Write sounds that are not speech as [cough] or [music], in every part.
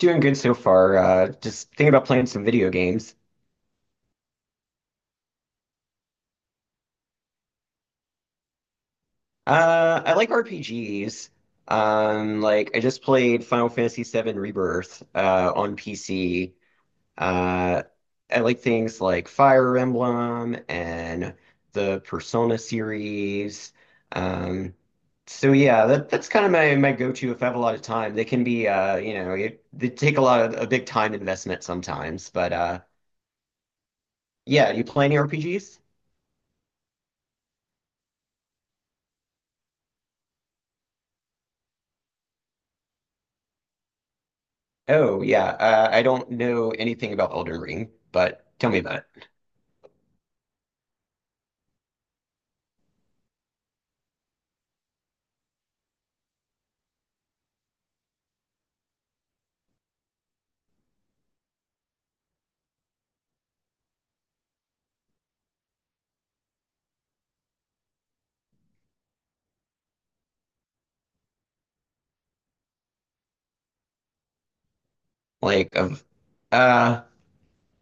Doing good so far. Just thinking about playing some video games. I like RPGs. Like I just played Final Fantasy VII Rebirth on PC. Uh, I like things like Fire Emblem and the Persona series. Um, so yeah, that's kind of my go-to if I have a lot of time. They can be they take a lot of a big time investment sometimes. But Yeah, you play any RPGs? Oh yeah, I don't know anything about Elden Ring, but tell me about it. Like of, uh,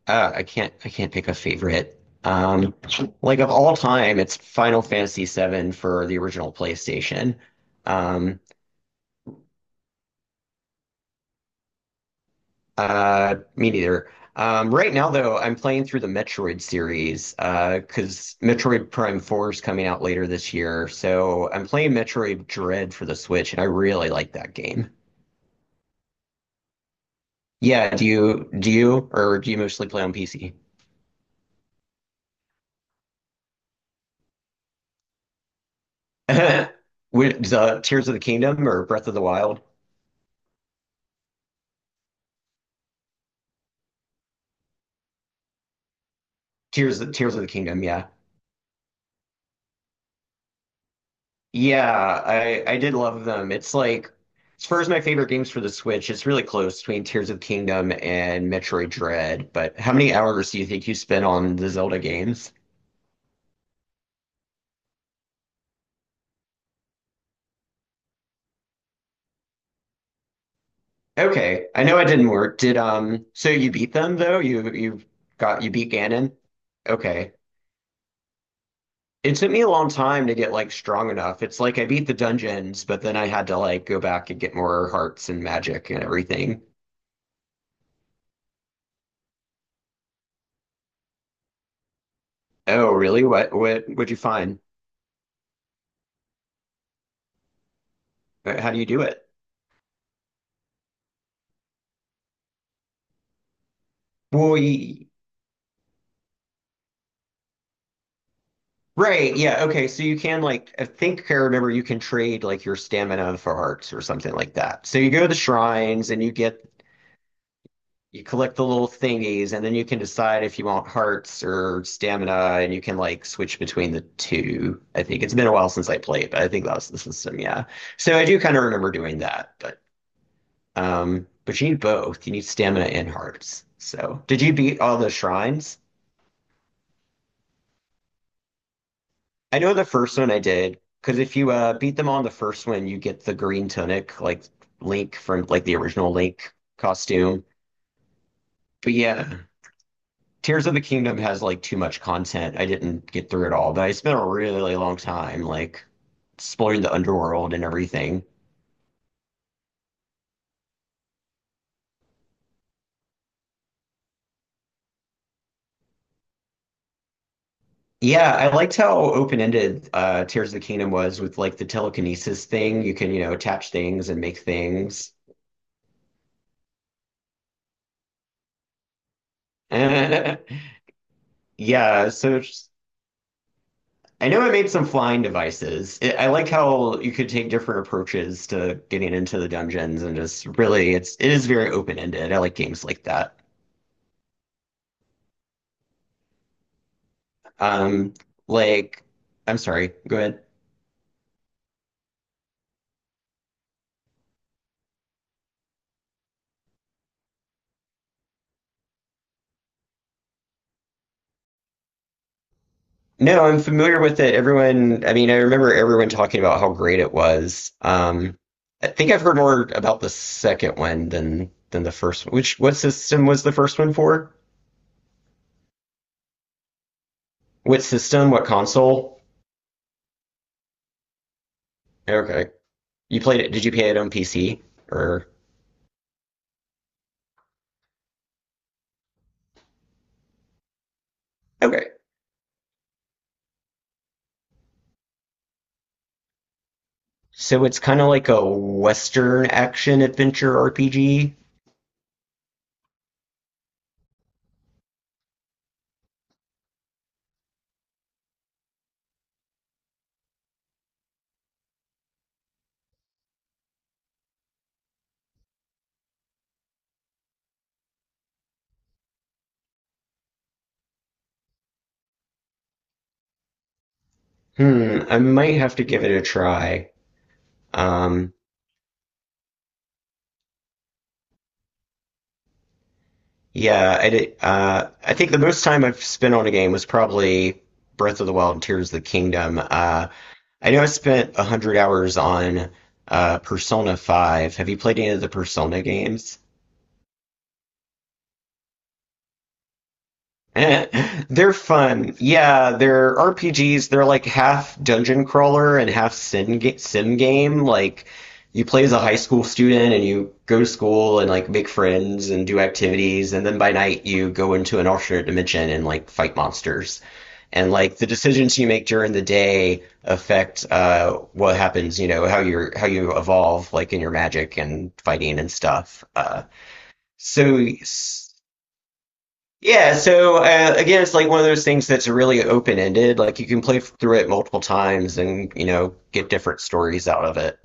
I can't pick a favorite. Um, like of all time, it's Final Fantasy VII for the original PlayStation. Um, Me neither. Right now though, I'm playing through the Metroid series, because Metroid Prime 4 is coming out later this year. So I'm playing Metroid Dread for the Switch, and I really like that game. Yeah, do you or do you mostly play on PC? [laughs] With the Tears of the Kingdom or Breath of the Wild? Tears of the Kingdom, yeah. Yeah, I did love them. It's like as far as my favorite games for the Switch, it's really close between Tears of the Kingdom and Metroid Dread. But how many hours do you think you spent on the Zelda games? Okay, I know I didn't work. Did so you beat them though? You got you beat Ganon? Okay. It took me a long time to get like strong enough. It's like I beat the dungeons, but then I had to like go back and get more hearts and magic and everything. Oh, really? What would you find? How do you do it? Boy. Right, yeah, okay. So you can like, I think I remember, you can trade like your stamina for hearts or something like that. So you go to the shrines and you get, you collect the little thingies, and then you can decide if you want hearts or stamina, and you can like switch between the two. I think it's been a while since I played, but I think that was the system. Yeah. So I do kind of remember doing that, but you need both. You need stamina and hearts. So did you beat all the shrines? I know the first one I did, because if you beat them on the first one, you get the green tunic, like Link from like the original Link costume. But yeah. Tears of the Kingdom has like too much content. I didn't get through it all, but I spent a really long time like exploring the underworld and everything. Yeah, I liked how open-ended Tears of the Kingdom was with like the telekinesis thing. You can, you know, attach things and make things. [laughs] Yeah, so I know I made some flying devices. I like how you could take different approaches to getting into the dungeons and just really it is very open-ended. I like games like that. Um, like, I'm sorry, go ahead. No, I'm familiar with it. Everyone, I mean, I remember everyone talking about how great it was. I think I've heard more about the second one than the first one. Which what system was the first one for? What system? What console? Okay. You played it, did you play it on PC or okay. So it's kind of like a Western action adventure RPG. Hmm, I might have to give it a try. Um, Yeah, I did, I think the most time I've spent on a game was probably Breath of the Wild and Tears of the Kingdom. I know I spent 100 hours on Persona 5. Have you played any of the Persona games? [laughs] They're fun. Yeah, they're RPGs. They're like half dungeon crawler and half sim game. Like, you play as a high school student and you go to school and like make friends and do activities. And then by night, you go into an alternate dimension and like fight monsters. And like the decisions you make during the day affect what happens, you know, how you evolve, like in your magic and fighting and stuff. So yeah, so again, it's like one of those things that's really open-ended. Like you can play through it multiple times and, you know, get different stories out of it.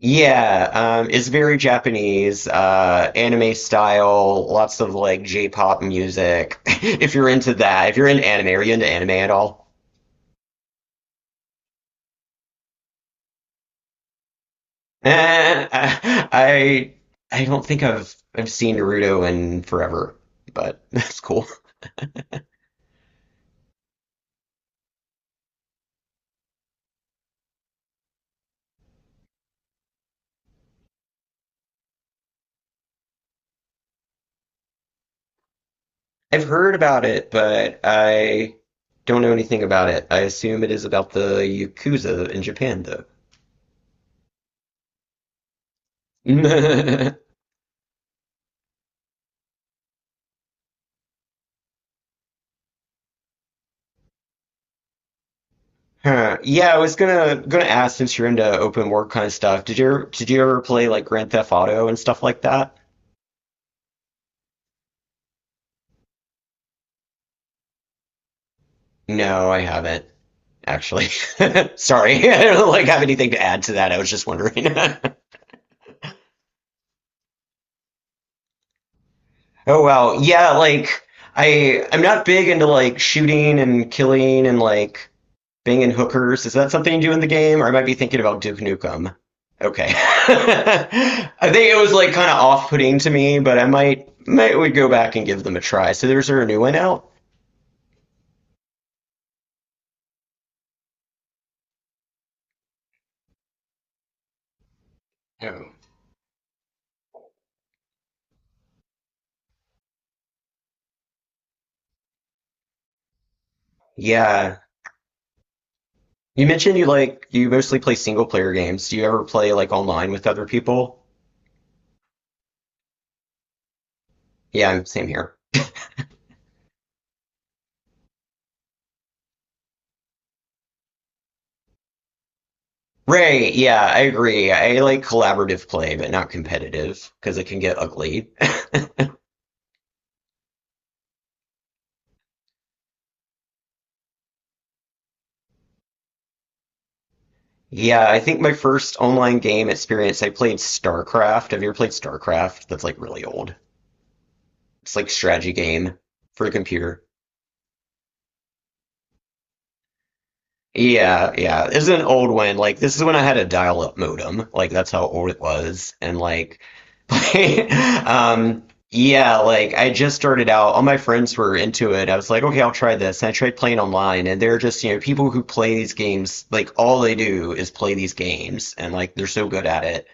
Yeah, it's very Japanese, anime style, lots of like J-pop music. [laughs] If you're into that, if you're into anime, are you into anime at all? [laughs] Eh, I I don't think I've seen Naruto in forever, but [laughs] that's cool. I've heard about it, but I don't know anything about it. I assume it is about the Yakuza in Japan, though. [laughs] Huh. Yeah, I was gonna ask since you're into open world kind of stuff. Did you ever play like Grand Theft Auto and stuff like that? No, I haven't actually. [laughs] Sorry, [laughs] I don't like have anything to add to that. I was just wondering. [laughs] Oh wow, yeah, like I'm not big into like shooting and killing and like banging hookers. Is that something you do in the game? Or I might be thinking about Duke Nukem. Okay. [laughs] I think it was like kind of off-putting to me, but I might would go back and give them a try. So there's a new one out? Oh. Yeah. You mentioned you mostly play single player games. Do you ever play like online with other people? Yeah, same here. Ray, yeah, I agree. I like collaborative play, but not competitive because it can get ugly. Yeah, I think my first online game experience, I played StarCraft. Have you ever played StarCraft? That's like really old. It's like strategy game for the computer. Yeah, yeah. This is an old one. Like this is when I had a dial-up modem. Like that's how old it was. And like, [laughs] um, yeah. Like I just started out. All my friends were into it. I was like, okay, I'll try this. And I tried playing online, and they're just, you know, people who play these games. Like all they do is play these games, and like they're so good at it,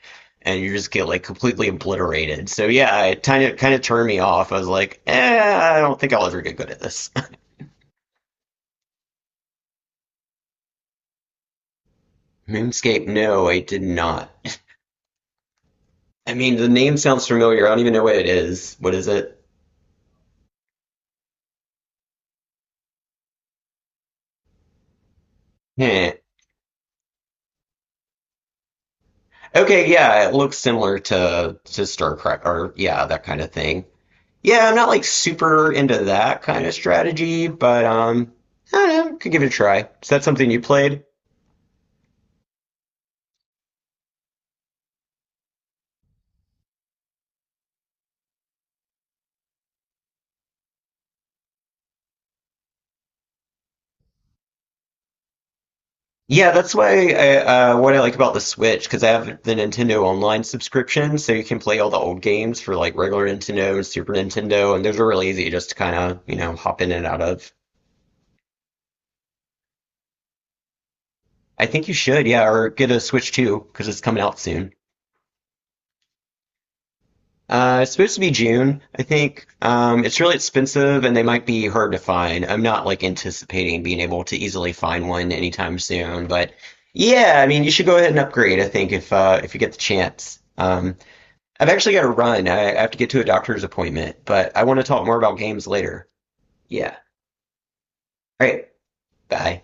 and you just get like completely obliterated. So yeah, it kind of turned me off. I was like, eh, I don't think I'll ever get good at this. [laughs] Moonscape? No, I did not. I mean, the name sounds familiar. I don't even know what it is. What is it? Heh. Okay, yeah, it looks similar to StarCraft or yeah, that kind of thing. Yeah, I'm not like super into that kind of strategy, but I don't know, could give it a try. Is that something you played? Yeah, that's why I, what I like about the Switch because I have the Nintendo Online subscription, so you can play all the old games for like regular Nintendo and Super Nintendo, and those are really easy just to kind of, you know, hop in and out of. I think you should, yeah, or get a Switch 2 because it's coming out soon. It's supposed to be June, I think. It's really expensive and they might be hard to find. I'm not like anticipating being able to easily find one anytime soon, but yeah, I mean, you should go ahead and upgrade, I think, if you get the chance. I've actually got to run. I have to get to a doctor's appointment, but I want to talk more about games later. Yeah. All right. Bye.